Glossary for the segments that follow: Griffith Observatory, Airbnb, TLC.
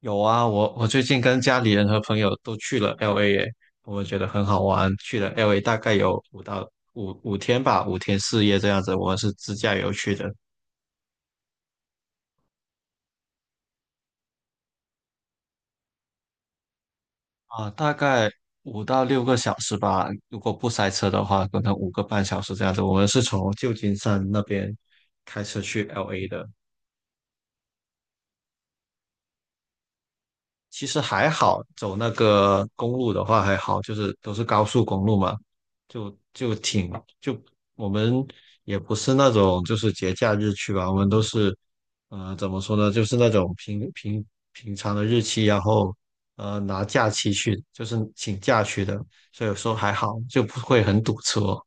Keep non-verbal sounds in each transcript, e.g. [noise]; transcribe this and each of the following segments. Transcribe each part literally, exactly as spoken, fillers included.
有啊，我我最近跟家里人和朋友都去了 L A 耶，我觉得很好玩。去了 L A 大概有五到五五天吧，五天四夜这样子。我们是自驾游去的啊，大概五到六个小时吧，如果不塞车的话，可能五个半小时这样子。我们是从旧金山那边开车去 L A 的，其实还好，走那个公路的话还好，就是都是高速公路嘛，就就挺就我们也不是那种就是节假日去吧，我们都是呃怎么说呢，就是那种平平平常的日期，然后呃拿假期去，就是请假去的，所以有时候还好，就不会很堵车。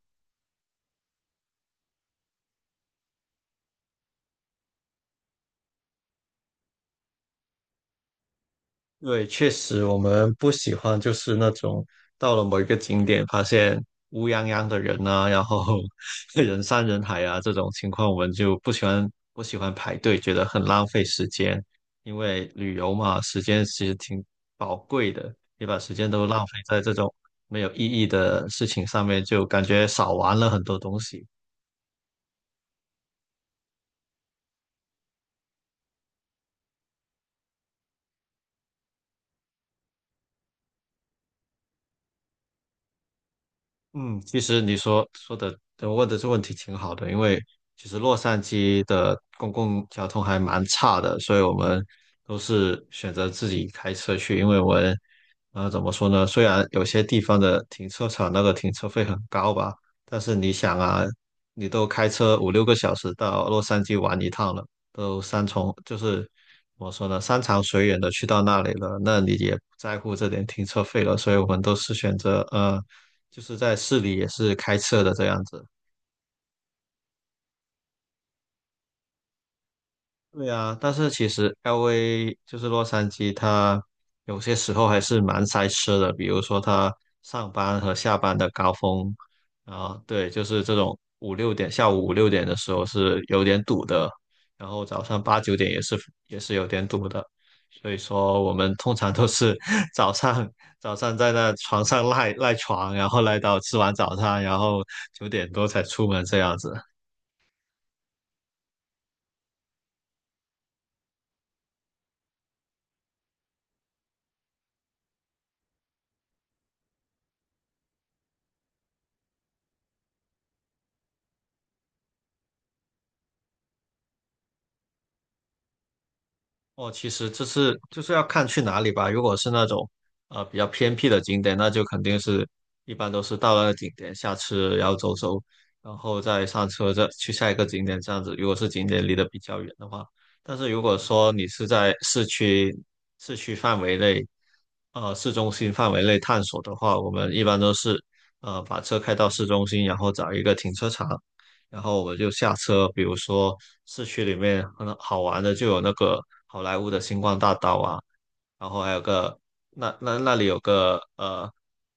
对，确实我们不喜欢就是那种到了某一个景点发现乌泱泱的人啊，然后 [laughs] 人山人海啊这种情况，我们就不喜欢不喜欢排队，觉得很浪费时间。因为旅游嘛，时间其实挺宝贵的，你把时间都浪费在这种没有意义的事情上面，就感觉少玩了很多东西。嗯，其实你说说的，呃问的这问题挺好的，因为其实洛杉矶的公共交通还蛮差的，所以我们都是选择自己开车去，因为我们，呃，怎么说呢？虽然有些地方的停车场那个停车费很高吧，但是你想啊，你都开车五六个小时到洛杉矶玩一趟了，都山重就是怎么说呢，山长水远的去到那里了，那你也不在乎这点停车费了，所以我们都是选择呃。就是在市里也是开车的这样子。对啊，但是其实 L A 就是洛杉矶，它有些时候还是蛮塞车的，比如说它上班和下班的高峰啊，对，就是这种五六点，下午五六点的时候是有点堵的，然后早上八九点也是也是有点堵的，所以说我们通常都是 [laughs] 早上早上在那床上赖赖床，然后赖到吃完早餐，然后九点多才出门这样子。哦，其实这是就是要看去哪里吧。如果是那种呃比较偏僻的景点，那就肯定是一般都是到了那个景点下车，然后走走，然后再上车再去下一个景点这样子。如果是景点离得比较远的话，但是如果说你是在市区市区范围内，呃市中心范围内探索的话，我们一般都是呃把车开到市中心，然后找一个停车场，然后我就下车，比如说市区里面很好玩的就有那个好莱坞的星光大道啊，然后还有个那那那里有个呃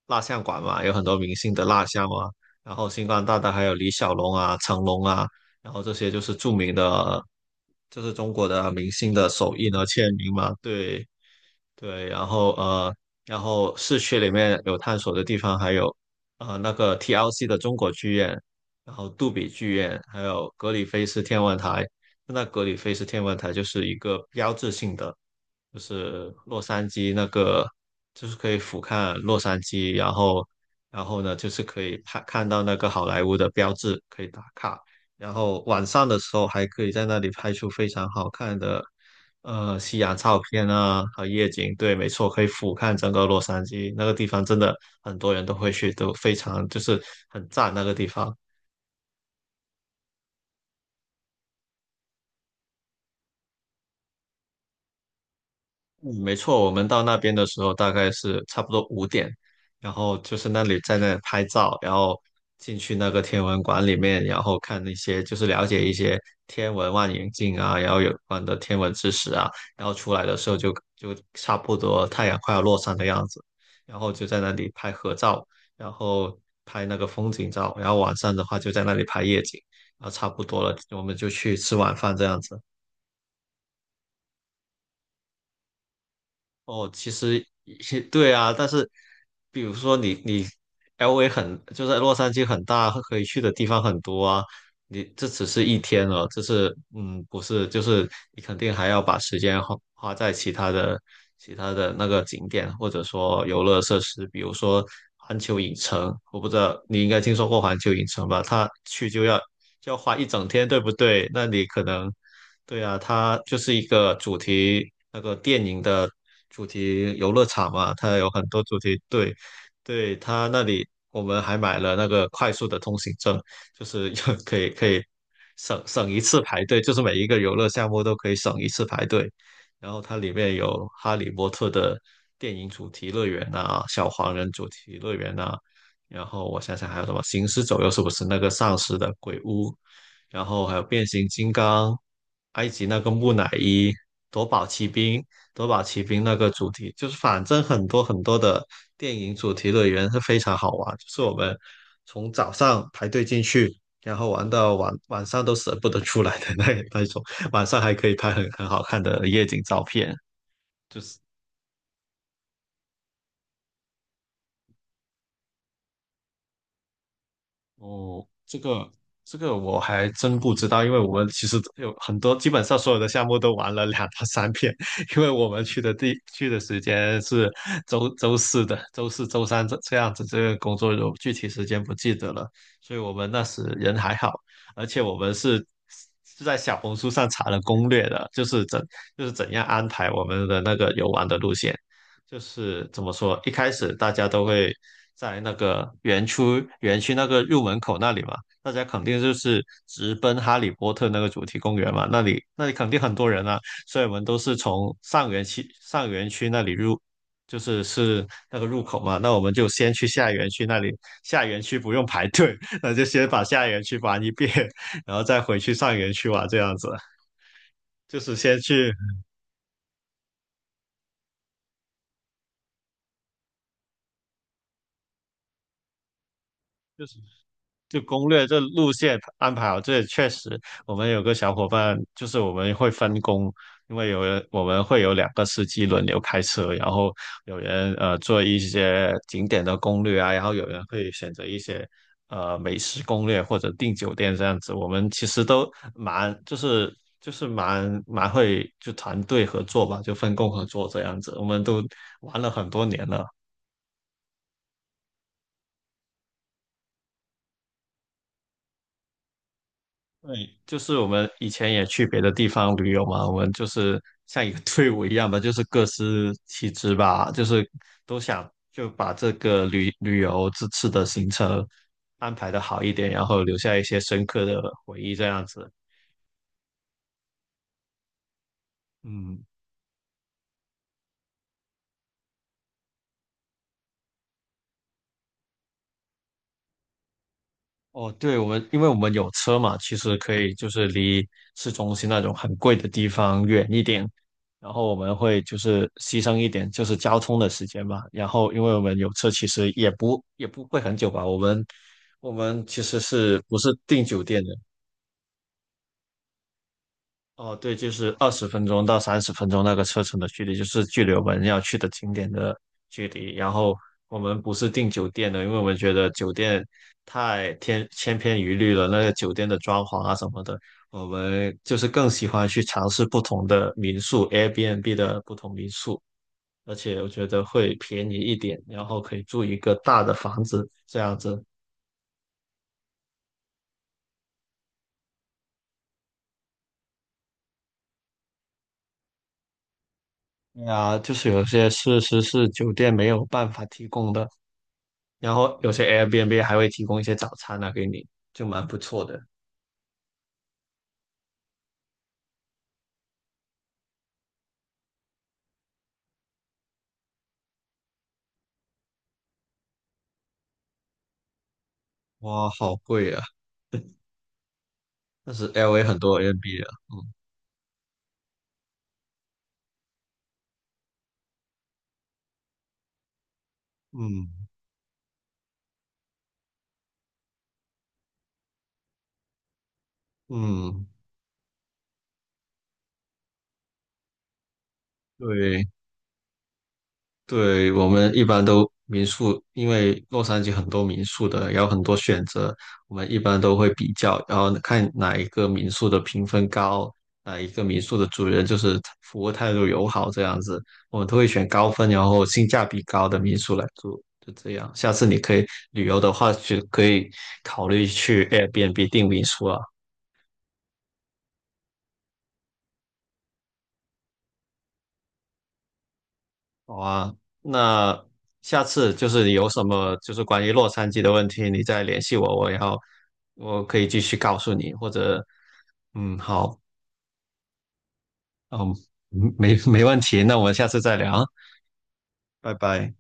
蜡像馆嘛，有很多明星的蜡像啊，然后星光大道还有李小龙啊、成龙啊，然后这些就是著名的，就是中国的明星的手印和签名嘛，对，对，然后呃，然后市区里面有探索的地方，还有呃那个 T L C 的中国剧院，然后杜比剧院，还有格里菲斯天文台。那格里菲斯天文台就是一个标志性的，就是洛杉矶那个，就是可以俯瞰洛杉矶，然后然后呢，就是可以看看到那个好莱坞的标志，可以打卡。然后晚上的时候还可以在那里拍出非常好看的。呃，夕阳照片啊和夜景，对，没错，可以俯瞰整个洛杉矶那个地方，真的很多人都会去，都非常就是很赞那个地方。嗯，没错，我们到那边的时候大概是差不多五点，然后就是那里在那里拍照，然后进去那个天文馆里面，然后看那些就是了解一些天文望远镜啊，然后有关的天文知识啊，然后出来的时候就就差不多太阳快要落山的样子，然后就在那里拍合照，然后拍那个风景照，然后晚上的话就在那里拍夜景，然后差不多了，我们就去吃晚饭这样子。哦，其实也 [laughs] 对啊，但是比如说你你 L A 很就是洛杉矶很大，可以去的地方很多啊。你这只是一天哦，这是嗯不是，就是你肯定还要把时间花花在其他的其他的那个景点，或者说游乐设施，比如说环球影城，我不知道你应该听说过环球影城吧？它去就要就要花一整天，对不对？那你可能。对啊，它就是一个主题那个电影的主题游乐场嘛，它有很多主题。对，对，它那里我们还买了那个快速的通行证，就是就 [laughs] 可以可以省省一次排队，就是每一个游乐项目都可以省一次排队。然后它里面有《哈利波特》的电影主题乐园啊，小黄人主题乐园啊，然后我想想还有什么《行尸走肉》是不是那个丧尸的鬼屋？然后还有变形金刚、埃及那个木乃伊、夺宝奇兵、夺宝奇兵那个主题，就是反正很多很多的电影主题乐园是非常好玩，就是我们从早上排队进去，然后玩到晚晚上都舍不得出来的那那种，晚上还可以拍很很好看的夜景照片，就是哦，这个这个我还真不知道，因为我们其实有很多，基本上所有的项目都玩了两到三遍，[laughs] 因为我们去的地去的时间是周周四的，周四周三这这样子，这个工作有具体时间不记得了，所以我们那时人还好，而且我们是是在小红书上查了攻略的，就是怎就是怎样安排我们的那个游玩的路线，就是怎么说，一开始大家都会在那个园区园区那个入门口那里嘛，大家肯定就是直奔哈利波特那个主题公园嘛，那里那里肯定很多人啊，所以我们都是从上园区上园区那里入，就是是那个入口嘛，那我们就先去下园区那里，下园区不用排队，[laughs] 那就先把下园区玩一遍，然后再回去上园区玩，这样子，就是先去。就是。就攻略这路线安排好，这也确实，我们有个小伙伴，就是我们会分工，因为有人我们会有两个司机轮流开车，然后有人呃做一些景点的攻略啊，然后有人会选择一些呃美食攻略或者订酒店这样子。我们其实都蛮就是就是蛮蛮会就团队合作吧，就分工合作这样子，我们都玩了很多年了。对，就是我们以前也去别的地方旅游嘛，我们就是像一个 [laughs] 队伍一样吧，就是各司其职吧，就是都想就把这个旅旅游这次的行程安排的好一点，然后留下一些深刻的回忆这样子。嗯。哦，对，我们因为我们有车嘛，其实可以就是离市中心那种很贵的地方远一点，然后我们会就是牺牲一点就是交通的时间嘛。然后因为我们有车，其实也不也不会很久吧。我们我们其实是不是订酒店的，哦，对，就是二十分钟到三十分钟那个车程的距离，就是距离我们要去的景点的距离。然后我们不是订酒店的，因为我们觉得酒店太天千篇一律了，那个酒店的装潢啊什么的，我们就是更喜欢去尝试不同的民宿，Airbnb 的不同民宿，而且我觉得会便宜一点，然后可以住一个大的房子这样子。对啊，就是有些设施是酒店没有办法提供的。然后有些 Airbnb 还会提供一些早餐啊给你，就蛮不错的。哇，好贵啊！但是 L A 很多 Airbnb 啊，嗯嗯嗯，对。对，我们一般都民宿，因为洛杉矶很多民宿的，也有很多选择，我们一般都会比较，然后看哪一个民宿的评分高，哪一个民宿的主人就是服务态度友好这样子，我们都会选高分，然后性价比高的民宿来住，就这样。下次你可以旅游的话，就可以考虑去 Airbnb 订民宿啊。好啊，那下次就是你有什么就是关于洛杉矶的问题，你再联系我，我然后我可以继续告诉你，或者嗯，好，嗯，没没问题，那我们下次再聊啊，拜拜。